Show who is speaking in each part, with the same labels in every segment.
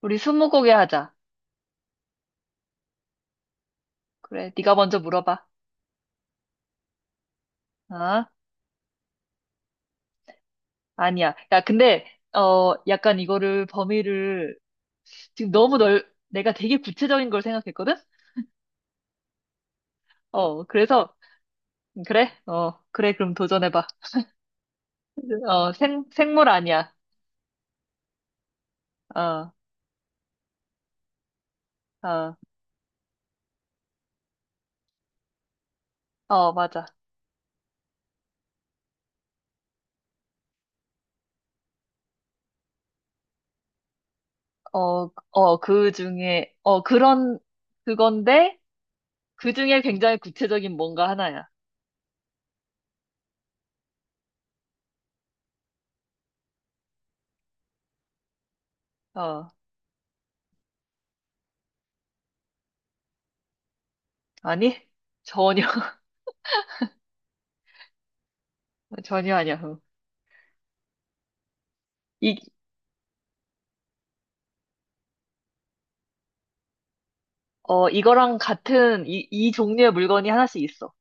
Speaker 1: 우리 스무고개 하자. 그래, 네가 먼저 물어봐. 아, 아니야. 야, 근데 약간 이거를 범위를 지금 너무 내가 되게 구체적인 걸 생각했거든? 어, 그래서 그래, 그럼 도전해봐. 생물 아니야. 어, 어, 맞아. 그 중에 그런 그건데 그 중에 굉장히 구체적인 뭔가 하나야. 어, 아니? 전혀. 전혀 아니야. 어. 이, 이거랑 같은 이 종류의 물건이 하나씩 있어.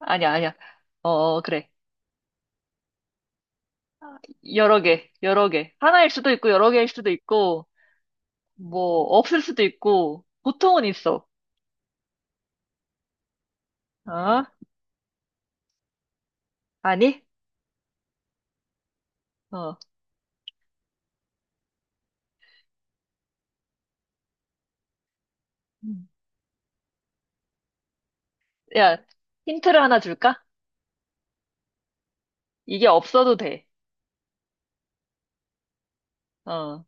Speaker 1: 아니야, 아니야. 그래. 여러 개, 여러 개. 하나일 수도 있고, 여러 개일 수도 있고, 뭐, 없을 수도 있고, 보통은 있어. 어? 아니? 어. 음. 야, 힌트를 하나 줄까? 이게 없어도 돼. 어,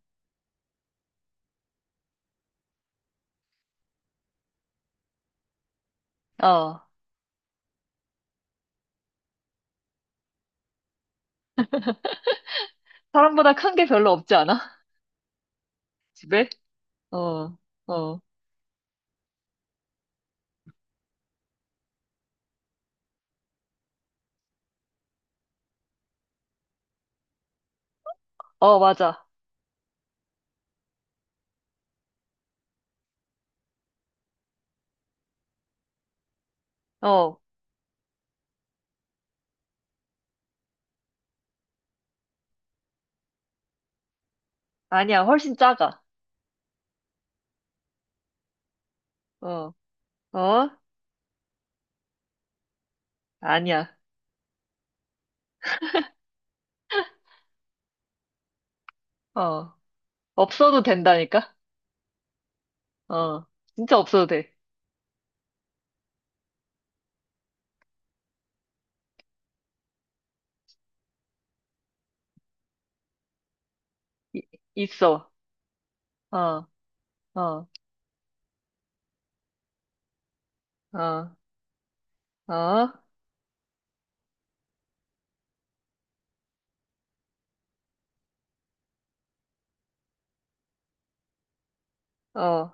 Speaker 1: 어. 사람보다 큰게 별로 없지 않아? 집에? 어, 어. 어, 맞아. 어. 아니야, 훨씬 작아. 어, 어? 아니야. 어. 없어도 된다니까? 어, 진짜 없어도 돼. 이- 있어. 어, 어, 어, 어, 어,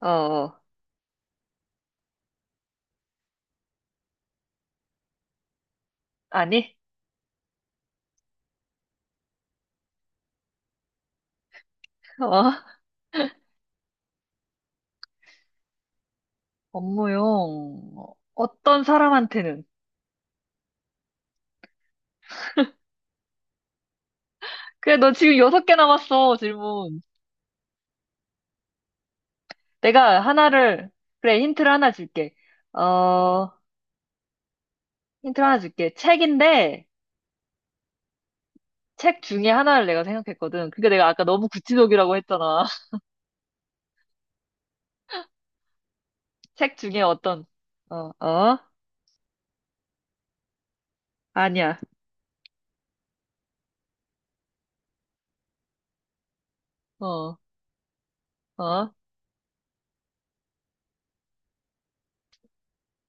Speaker 1: 어, 어. 아니? 어? 업무용. 어떤 사람한테는? 그래, 너 지금 여섯 개 남았어, 질문. 내가 하나를, 그래, 힌트를 하나 줄게. 어, 힌트를 하나 줄게. 책인데, 책 중에 하나를 내가 생각했거든. 그게 내가 아까 너무 구치적이라고 했잖아. 책 중에 어떤, 어, 어? 아니야. 어, 어?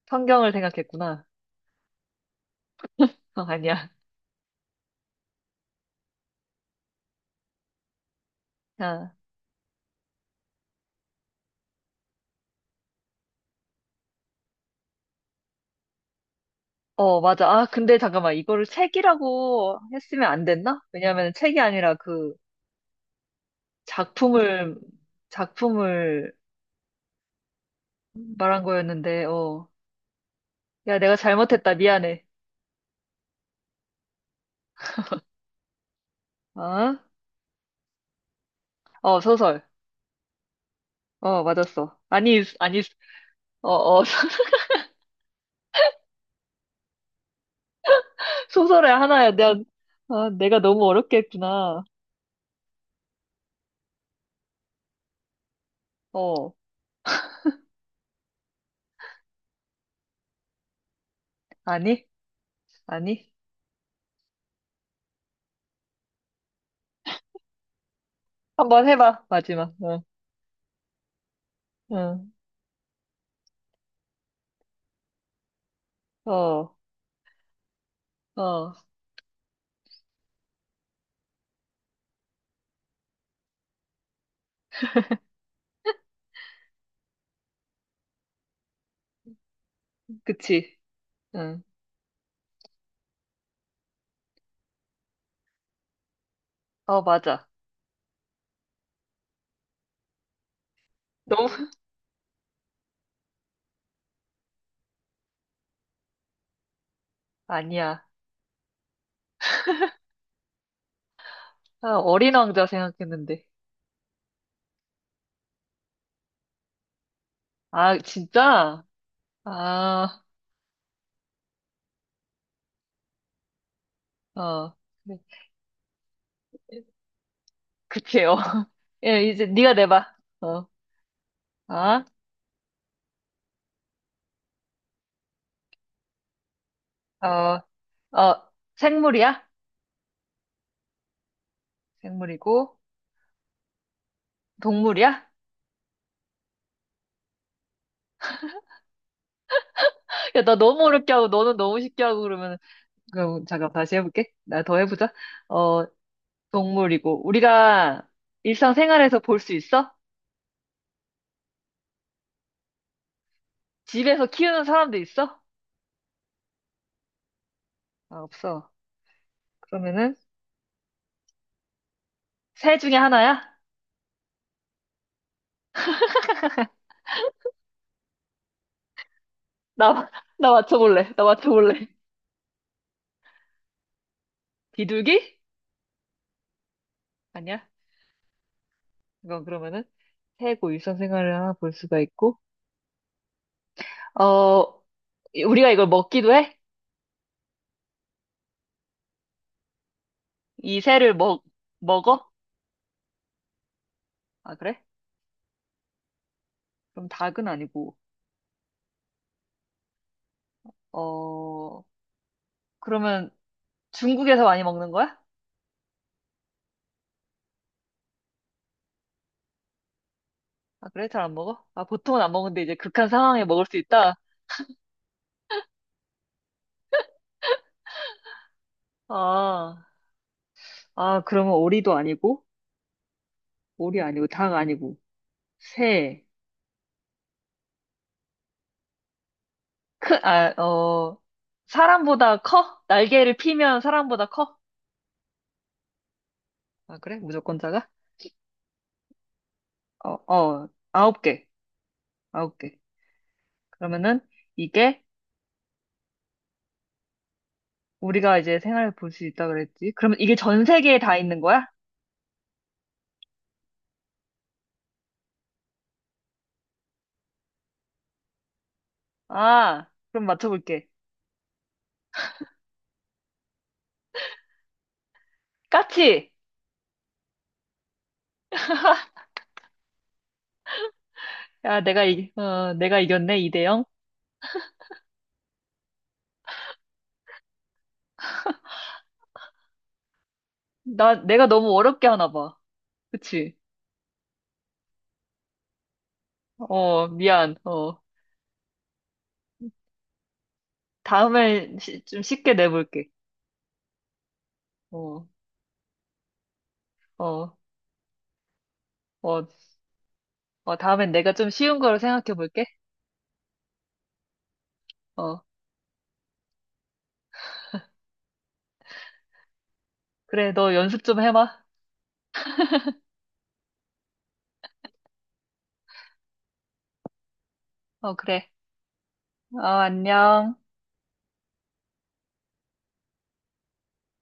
Speaker 1: 성경을 생각했구나. 어, 아니야. 아, 어, 맞아. 아, 근데 잠깐만. 이거를 책이라고 했으면 안 됐나? 왜냐면 책이 아니라 그 작품을, 작품을 말한 거였는데, 어. 야, 내가 잘못했다. 미안해. 어? 어, 소설. 어, 맞았어. 아니, 아니, 어, 어, 소설의 하나야. 내가, 아, 내가 너무 어렵게 했구나. 어, 아니, 아니. 한번 해봐. 마지막. 응, 응, 어, 어, 그치. 응, 어, 맞아. 아니야. 아, 어린 왕자 생각했는데. 아, 진짜? 아, 어. 네. 그치요. 예, 이제 네가 내봐. 어, 아, 어, 어, 생물이야? 생물이고, 동물이야? 야, 나 너무 어렵게 하고, 너는 너무 쉽게 하고 그러면, 그럼 잠깐 다시 해볼게. 나 더 해보자. 어, 동물이고, 우리가 일상생활에서 볼 수 있어? 집에서 키우는 사람도 있어? 아, 없어. 그러면은, 새 중에 하나야? 나, 나 맞춰볼래. 비둘기? 아니야. 이건 그러면은 새고 일상 생활을 하나 볼 수가 있고. 어, 우리가 이걸 먹기도 해? 이 새를 먹, 먹어? 아, 그래? 그럼 닭은 아니고. 어, 그러면 중국에서 많이 먹는 거야? 아, 그래? 잘 안 먹어? 아, 보통은 안 먹는데 이제 극한 상황에 먹을 수 있다? 아, 아, 그러면 오리도 아니고, 오리 아니고, 닭 아니고, 새, 크, 아, 어, 사람보다 커? 날개를 피면 사람보다 커? 아, 그래? 무조건 작아? 어, 어, 아홉 개. 아홉 개. 그러면은 이게 우리가 이제 생활을 볼 수 있다 그랬지. 그러면 이게 전 세계에 다 있는 거야? 아, 그럼 맞춰볼게. 까치! 야, 내가 이겼네, 2대 0. 나, 내가 너무 어렵게 하나 봐. 그치? 어, 미안. 어, 다음엔 좀 쉽게 내볼게. 어, 어, 어, 어, 다음엔 내가 좀 쉬운 거로 생각해 볼게. 어, 그래, 너 연습 좀 해봐. 어, 그래. 어, 안녕.